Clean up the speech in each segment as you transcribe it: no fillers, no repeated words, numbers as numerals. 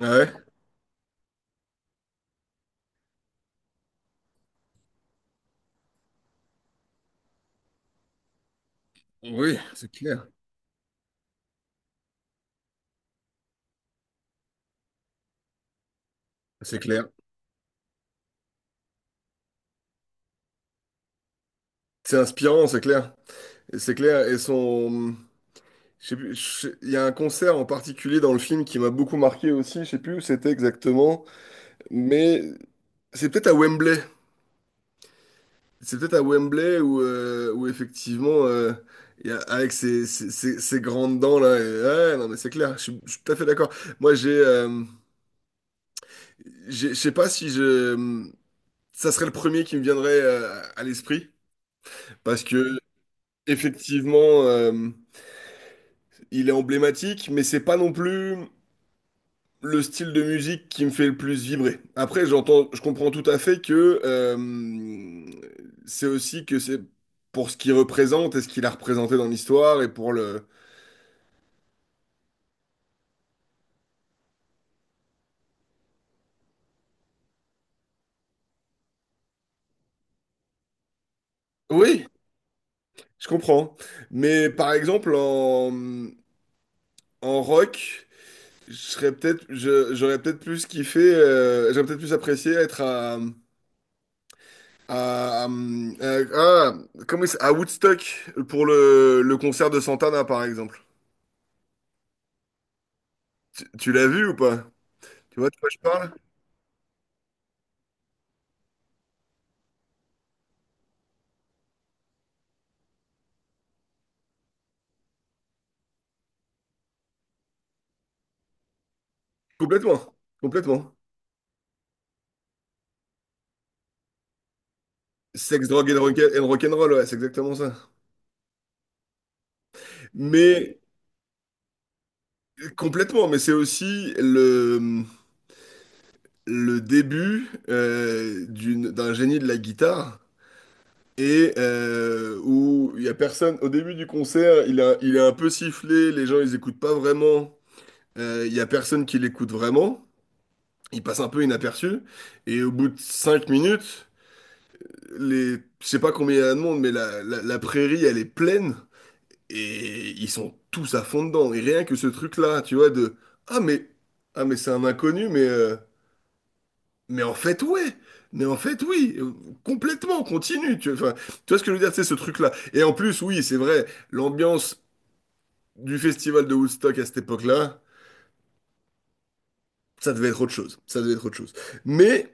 Ah ouais, oui, c'est clair, c'est clair. C'est inspirant, c'est clair. C'est clair, et son... Je sais plus, je sais- Il y a un concert en particulier dans le film qui m'a beaucoup marqué aussi, je sais plus où c'était exactement, mais c'est peut-être à Wembley. C'est peut-être à Wembley où, où effectivement, avec ses grandes dents. Ouais, non mais c'est clair, je suis tout à fait d'accord. Moi je sais pas si je... Ça serait le premier qui me viendrait à l'esprit, parce que... Effectivement, il est emblématique, mais c'est pas non plus le style de musique qui me fait le plus vibrer. Après, j'entends, je comprends tout à fait que c'est aussi que c'est pour ce qu'il représente et ce qu'il a représenté dans l'histoire et pour le. Oui, je comprends. Mais par exemple, en rock, je serais j'aurais peut-être plus kiffé, j'aurais peut-être plus apprécié être à À, euh, ah, à Woodstock pour le concert de Santana par exemple. Tu l'as vu ou pas? Tu vois de quoi je parle? Complètement, complètement. Sex, and rock'n'roll, ouais, c'est exactement ça. Mais complètement, mais c'est aussi le début d'un génie de la guitare. Où il y a personne, au début du concert, il est un peu sifflé, les gens ils écoutent pas vraiment. Il y a personne qui l'écoute vraiment. Il passe un peu inaperçu. Et au bout de cinq minutes, les, je sais pas combien il y a de monde, mais la prairie, elle est pleine. Et ils sont tous à fond dedans. Et rien que ce truc-là, tu vois, de ah mais ah mais c'est un inconnu, mais en fait ouais, mais en fait oui. Complètement, continue. Tu vois ce que je veux dire, c'est ce truc-là. Et en plus, oui, c'est vrai, l'ambiance du festival de Woodstock à cette époque-là, ça devait être autre chose. Ça devait être autre chose. Mais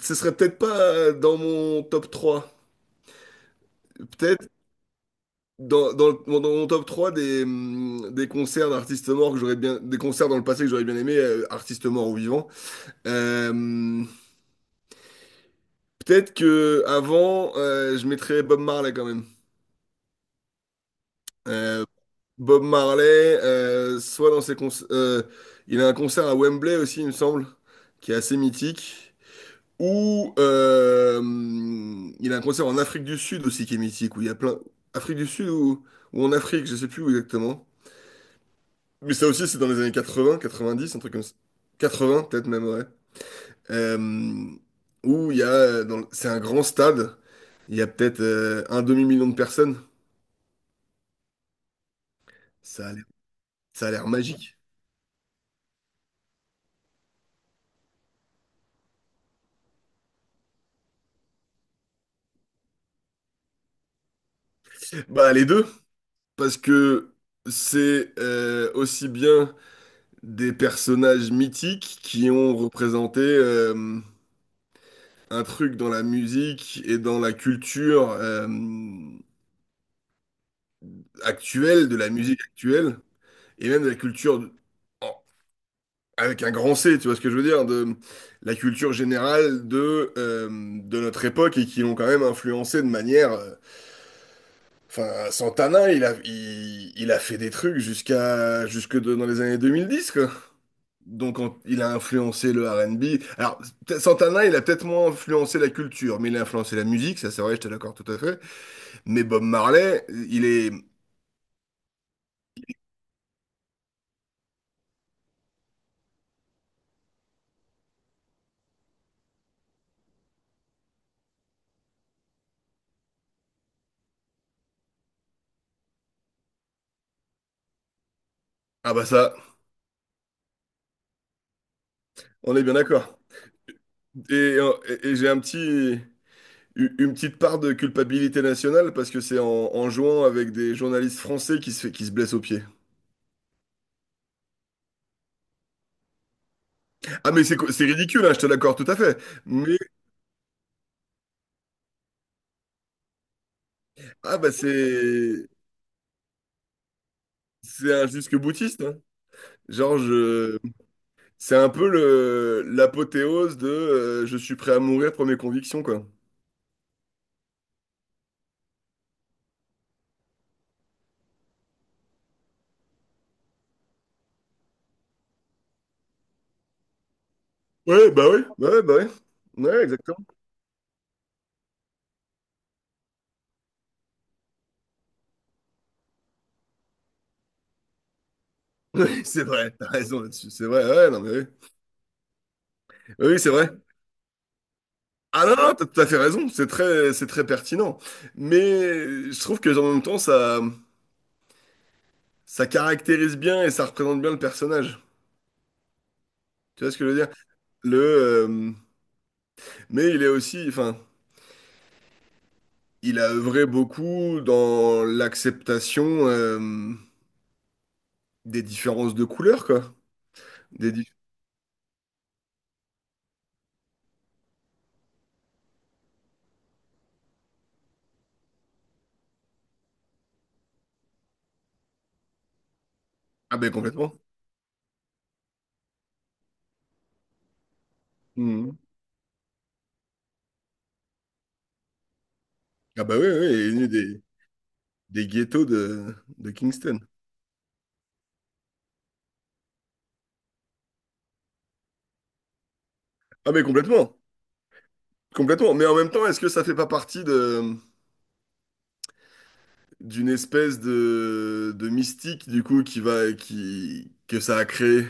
ce serait peut-être pas dans mon top trois. Peut-être dans mon top 3 des concerts d'artistes morts que j'aurais bien, des concerts dans le passé que j'aurais bien aimé, artistes morts ou vivants. Euh, Peut-être que avant, je mettrais Bob Marley quand même. Euh, Bob Marley, soit dans ses concerts, il a un concert à Wembley aussi, il me semble, qui est assez mythique. Ou Il a un concert en Afrique du Sud aussi qui est mythique, où il y a plein. Afrique du Sud ou en Afrique, je sais plus où exactement. Mais ça aussi, c'est dans les années 80, 90, un truc comme ça. 80, peut-être même, ouais. Euh, où il y a, dans le- C'est un grand stade, il y a peut-être un demi-million de personnes. Ça a l'air, Ça a l'air magique. Bah, les deux, parce que c'est aussi bien des personnages mythiques qui ont représenté un truc dans la musique et dans la culture actuelle, de la musique actuelle, et même de la culture en, avec un grand C, tu vois ce que je veux dire, de la culture générale de notre époque et qui l'ont quand même influencé de manière. Enfin, Santana, il a fait des trucs dans les années 2010, quoi. Donc, il a influencé le R&B. Alors, Santana, il a peut-être moins influencé la culture, mais il a influencé la musique, ça c'est vrai, j'étais d'accord tout à fait. Mais Bob Marley, il est. Ah bah ça, on est bien d'accord. Et, et j'ai un petit. Une petite part de culpabilité nationale parce que c'est en jouant avec des journalistes français qui se blessent au pied. Ah mais c'est ridicule, hein, je te l'accorde tout à fait. Mais ah bah c'est c'est un jusque-boutiste, hein. Genre je C'est un peu le l'apothéose de je suis prêt à mourir pour mes convictions quoi. Ouais bah ouais ouais bah ouais ouais exactement. Oui, c'est vrai, t'as raison là-dessus, c'est vrai, ouais, non mais oui, oui, c'est vrai. Ah non, non, t'as tout à fait raison, c'est très pertinent. Mais je trouve que en même temps, ça caractérise bien et ça représente bien le personnage. Tu vois ce que je veux dire? Le, euh, mais il est aussi, enfin, il a œuvré beaucoup dans l'acceptation des différences de couleurs, quoi. Des dif- Ah ben complètement. Mhm. Ah bah oui, oui, oui, il est né des ghettos de Kingston. Ah mais complètement, complètement. Mais en même temps, est-ce que ça fait pas partie de d'une espèce de mystique du coup qui va qui que ça a créé?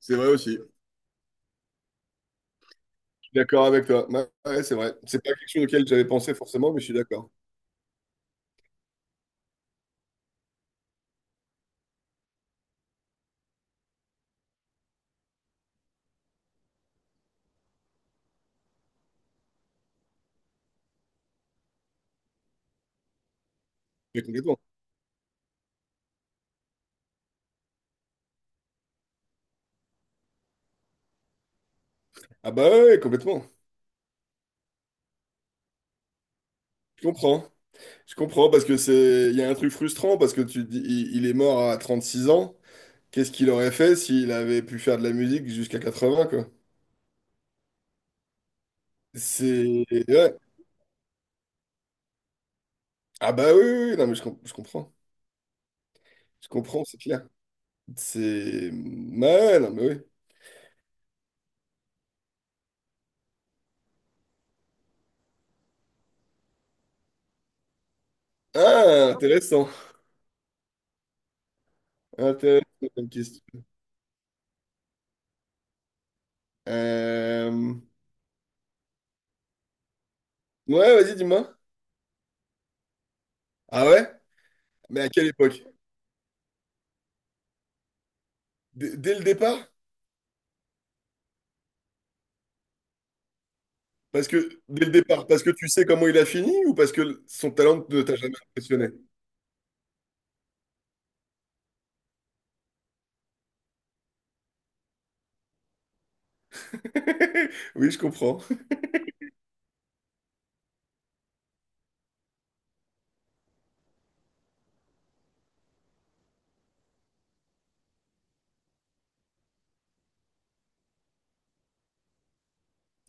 C'est vrai aussi. D'accord avec toi. Ouais, ouais, c'est vrai. C'est pas quelque chose auquel j'avais pensé forcément, mais je suis d'accord. Mais complètement. Ah bah ouais, ouais, complètement. Je comprends. Je comprends parce que c'est, il y a un truc frustrant parce que tu te dis, il est mort à 36 ans. Qu'est-ce qu'il aurait fait s'il avait pu faire de la musique jusqu'à 80 quoi? C'est... Ouais. Ah bah oui, oui, oui, non mais je comprends. Je comprends, c'est clair. C'est... Ouais, non mais oui. Ah, intéressant. Intéressant comme question. Euh, Ouais, vas-y, dis-moi. Ah ouais? Mais à quelle époque? Dès le départ? Parce que... Dès le départ, parce que tu sais comment il a fini ou parce que son talent ne t'a jamais impressionné? Oui, je comprends.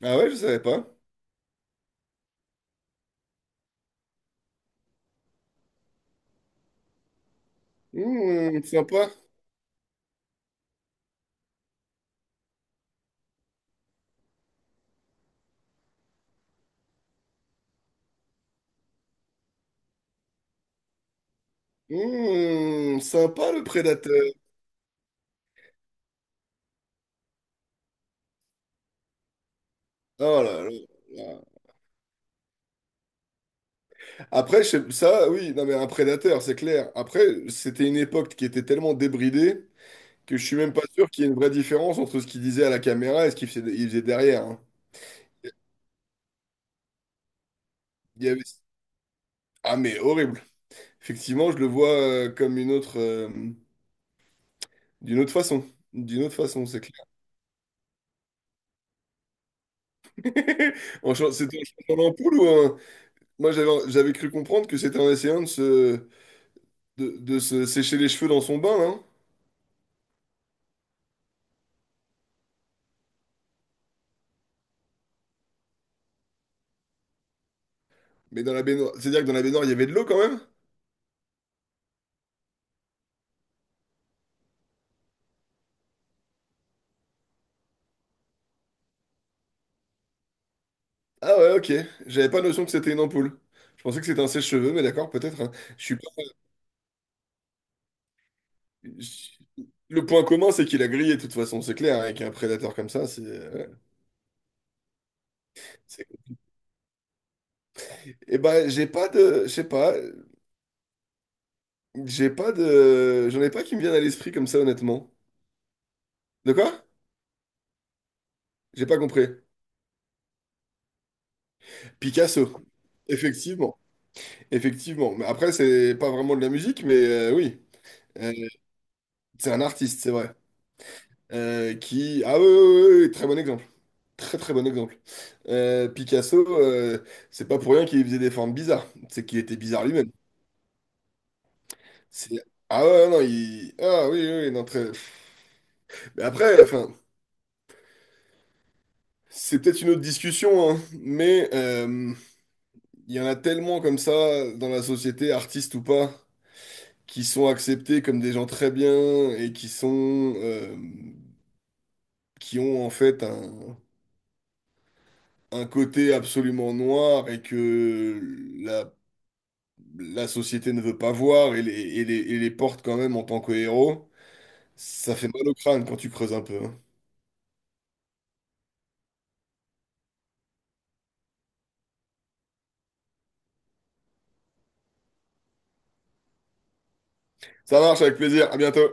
Ah ouais, je savais pas. Hmm, sympa. Hmm, sympa le prédateur. Oh là là. Après, ça, oui, non, mais un prédateur, c'est clair. Après, c'était une époque qui était tellement débridée que je suis même pas sûr qu'il y ait une vraie différence entre ce qu'il disait à la caméra et ce il faisait derrière, hein. Il y avait... Ah, mais horrible. Effectivement, je le vois comme une autre, d'une autre façon. D'une autre façon, c'est clair. C'était en changeant l'ampoule ou un... Moi, j'avais cru comprendre que c'était en essayant de se... De se sécher les cheveux dans son bain, hein. Mais dans la baignoire... C'est-à-dire que dans la baignoire, il y avait de l'eau quand même? Ah ouais, ok. J'avais pas notion que c'était une ampoule. Je pensais que c'était un sèche-cheveux, mais d'accord, peut-être, hein. Je suis pas... je- Le point commun, c'est qu'il a grillé, de toute façon, c'est clair, hein. Avec un prédateur comme ça, c'est... ouais, cool. Eh ben, j'ai pas de... Je sais pas. J'ai pas de... J'en ai pas qui me viennent à l'esprit comme ça, honnêtement. De quoi? J'ai pas compris. Picasso. Effectivement. Effectivement. Mais après, c'est pas vraiment de la musique, mais oui. Euh, c'est un artiste, c'est vrai. Qui... Ah oui, oui, oui, oui, oui, très bon exemple. Très, très bon exemple. Picasso, c'est pas pour rien qu'il faisait des formes bizarres. C'est qu'il était bizarre lui-même. C'est... Ah ouais, non, il... Ah oui, oui, oui, non, très... Mais après, enfin, c'est peut-être une autre discussion, hein, mais il y en a tellement comme ça dans la société, artistes ou pas, qui sont acceptés comme des gens très bien et qui sont... qui ont en fait un côté absolument noir et que la, la société ne veut pas voir et les porte quand même en tant que héros. Ça fait mal au crâne quand tu creuses un peu, hein. Ça marche, avec plaisir. À bientôt.